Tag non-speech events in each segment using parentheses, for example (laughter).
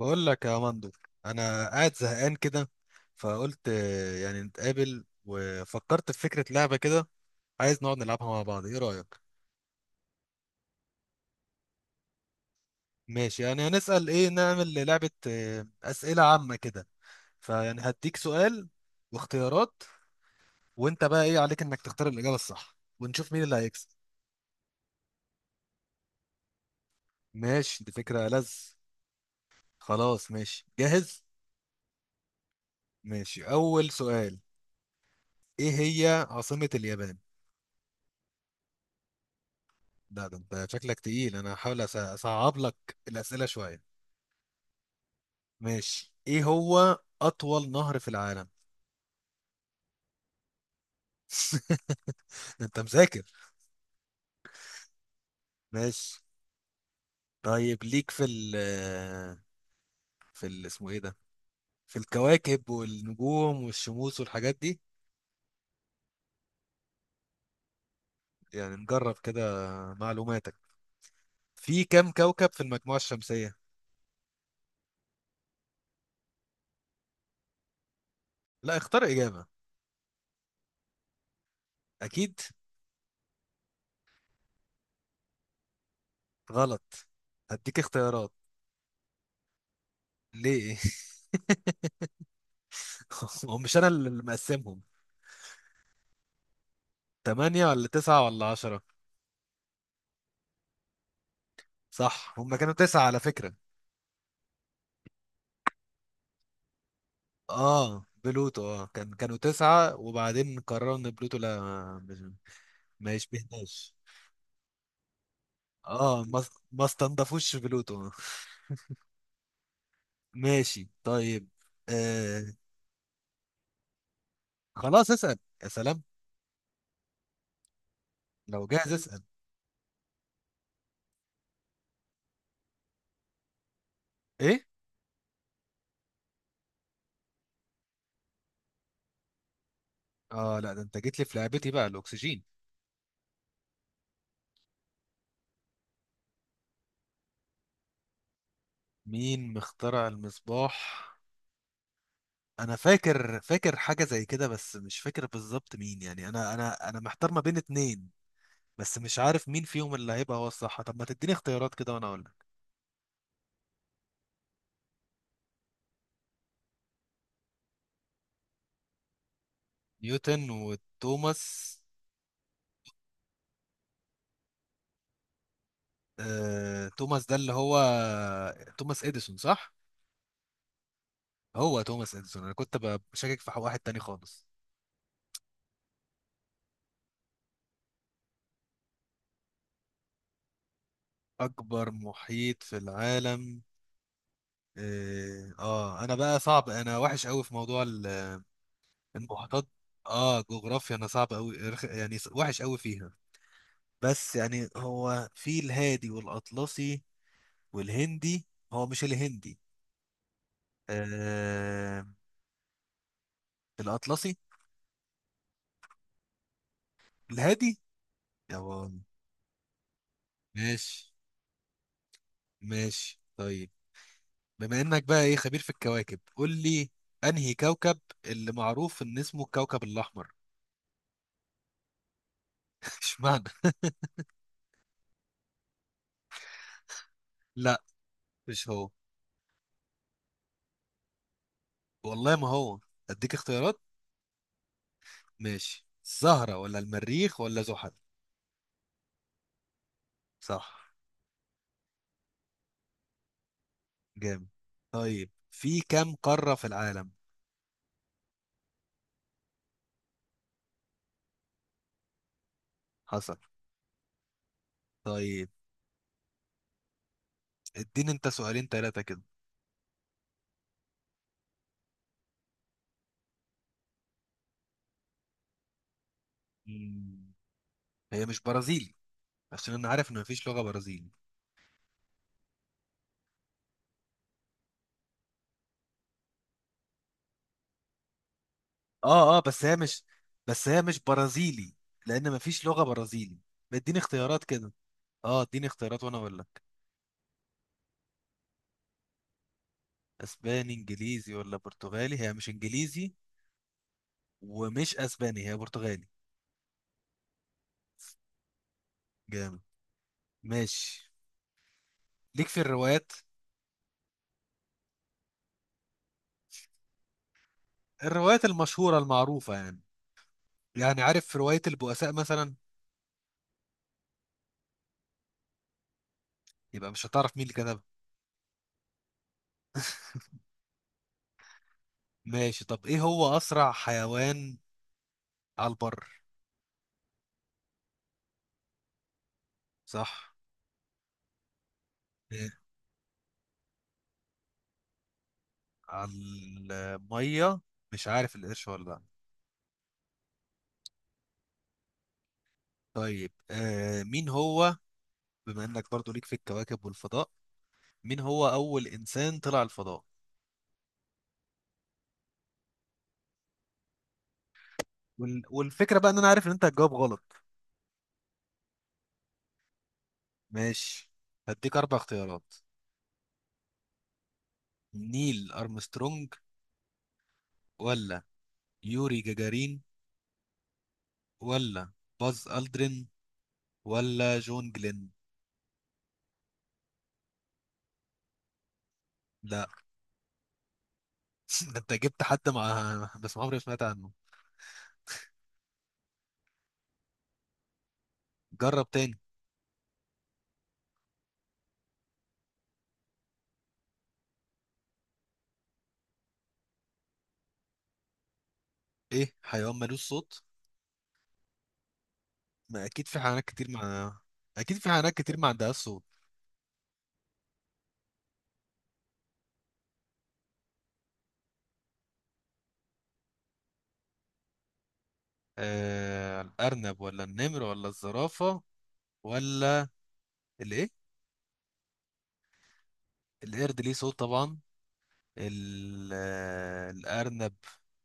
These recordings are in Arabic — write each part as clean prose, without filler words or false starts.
بقول لك يا مندر، انا قاعد زهقان كده. فقلت يعني نتقابل وفكرت في فكرة لعبة كده. عايز نقعد نلعبها مع بعض، ايه رأيك؟ ماشي، يعني هنسأل ايه نعمل لعبة أسئلة عامة كده. فيعني هديك سؤال واختيارات، وانت بقى ايه عليك انك تختار الإجابة الصح ونشوف مين اللي هيكسب. ماشي، دي فكرة لذ. خلاص، ماشي، جاهز. ماشي، أول سؤال. ايه هي عاصمة اليابان؟ لا، ده انت شكلك تقيل، انا هحاول اصعب لك الأسئلة شوية. ماشي، ايه هو اطول نهر في العالم؟ (laughs) ده انت مذاكر. ماشي طيب، ليك في ال في ال اسمه ايه ده، في الكواكب والنجوم والشموس والحاجات دي. يعني نجرب كده معلوماتك. في كام كوكب في المجموعة الشمسية؟ لا، اختار إجابة. أكيد. غلط. هديك اختيارات. ليه؟ (laughs) هو مش أنا اللي مقسمهم. تمانية ولا تسعة ولا 10؟ صح، هما كانوا تسعة على فكرة. اه، بلوتو. اه، كانوا تسعة وبعدين قرروا ان بلوتو، لا، ما يشبهناش. اه، ما استنضفوش بلوتو. ماشي، طيب. آه. خلاص، اسأل يا سلام. لو جاهز اسأل. ايه؟ اه، لا، ده انت جيت لي في لعبتي بقى. الاكسجين. مين مخترع المصباح؟ انا فاكر حاجة زي كده، بس مش فاكر بالظبط مين، يعني انا محتار ما بين اتنين. بس مش عارف مين فيهم اللي هيبقى هو الصح، طب ما تديني اختيارات كده وانا اقول. نيوتن وتوماس. توماس ده اللي هو توماس اديسون صح؟ هو توماس اديسون، انا كنت بشكك في واحد تاني خالص. اكبر محيط في العالم؟ اه، انا بقى صعب، انا وحش قوي في موضوع المحيطات. اه، جغرافيا، انا صعب قوي. يعني وحش قوي فيها. بس يعني هو في الهادي والاطلسي والهندي. هو مش الهندي. آه، الاطلسي. الهادي يا بابا. ماشي، ماشي، طيب. بما انك بقى ايه خبير في الكواكب، قول لي انهي كوكب اللي معروف ان اسمه الكوكب الاحمر؟ (laughs) اشمعنى؟ لا، مش هو. والله ما هو. اديك اختيارات. ماشي، الزهرة ولا المريخ ولا زحل؟ صح. جامد. طيب، في كام قارة في العالم؟ حصل. طيب، اديني انت سؤالين ثلاثة كده. مم. هي مش برازيل، عشان انا عارف ان مفيش لغة برازيل. اه، اه، بس هي مش... بس هي مش برازيلي، لان مفيش لغة برازيلي. اديني اختيارات كده. اه، اديني اختيارات وانا اقول لك. اسباني، انجليزي، ولا برتغالي؟ هي مش انجليزي ومش اسباني، هي برتغالي. جامد. ماشي، ليك في الروايات؟ الروايات المشهورة المعروفة يعني، يعني عارف رواية البؤساء مثلا؟ يبقى مش هتعرف مين اللي كتبها. (laughs) ماشي، طب ايه هو اسرع حيوان على البر؟ صح. إيه؟ على المية، مش عارف القرش ولا لأ. طيب، مين هو، بما انك برضو ليك في الكواكب والفضاء، مين هو اول انسان طلع الفضاء؟ والفكره بقى ان انا عارف ان انت هتجاوب غلط. ماشي، هديك اربع اختيارات. نيل ارمسترونج، ولا يوري جاجارين، ولا باز الدرين، ولا جون جلين؟ لا. (laughs) ده انت جبت حد مع (laughs) بس ما عمري ما سمعت عنه. جرب تاني. ايه حيوان ملوش صوت؟ ما اكيد في حيوانات كتير مع... اكيد في حيوانات كتير ما عندهاش صوت. الأرنب، ولا النمر، ولا الزرافة، ولا الإيه؟ القرد ليه صوت طبعا. الأرنب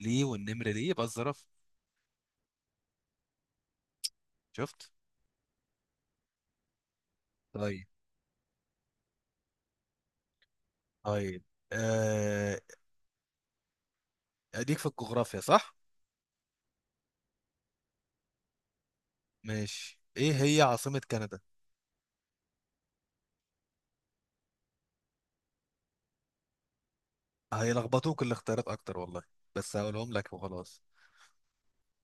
ليه والنمر ليه، يبقى الزرافة. شفت؟ طيب. طيب، آه أديك في الجغرافيا صح؟ ماشي، إيه هي عاصمة كندا؟ هيلخبطوك الاختيارات أكتر والله، بس هقولهم لك وخلاص.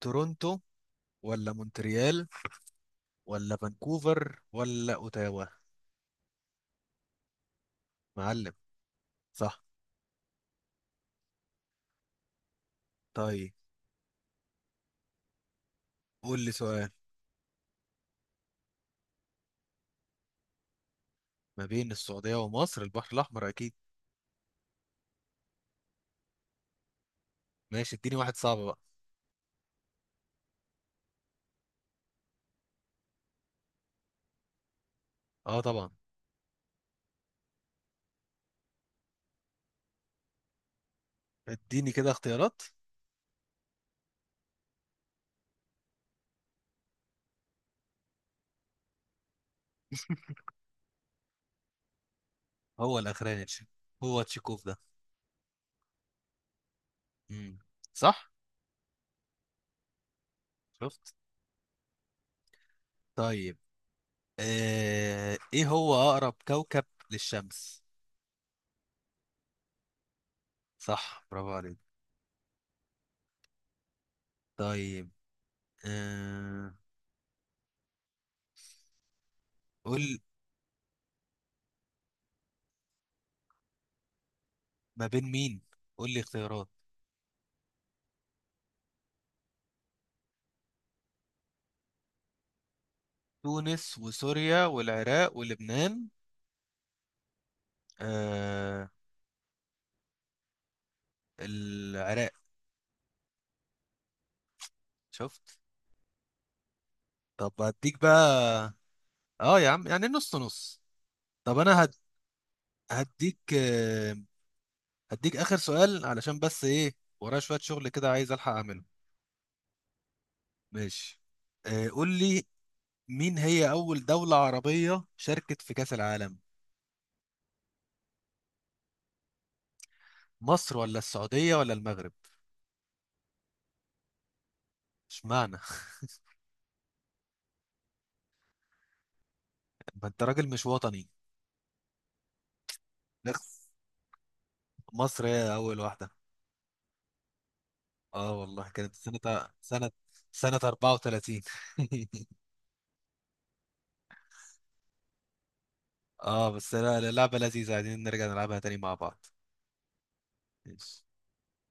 تورونتو، ولا مونتريال، ولا فانكوفر، ولا أوتاوا؟ معلم. صح. طيب، قول لي سؤال. ما بين السعودية ومصر البحر الأحمر أكيد. ماشي، اديني واحد صعب بقى. اه، طبعا. اديني كده اختيارات. هو الأخراني هو تشيكوف ده؟ مم. صح. شفت. طيب، ايه هو أقرب كوكب للشمس؟ صح، برافو عليك. طيب. آه... قول، ما بين مين؟ قول لي اختيارات. تونس، وسوريا، والعراق، ولبنان؟ آه... العراق. شفت. طب هديك بقى. اه، يا عم، يعني نص نص. طب انا هديك آه، هديك اخر سؤال، علشان بس ايه، ورايا شويه شغل كده عايز الحق اعمله. ماشي، قول لي مين هي اول دوله عربيه شاركت في كاس العالم؟ مصر، ولا السعوديه، ولا المغرب؟ اشمعنى؟ (laughs) ما انت راجل مش وطني. (laughs) نخ. مصر هي اول واحده. اه، والله كانت سنه سنه 34. (laughs) اه، بس لا، لعبه لذيذه، عايزين نرجع نلعبها تاني مع بعض. ماشي.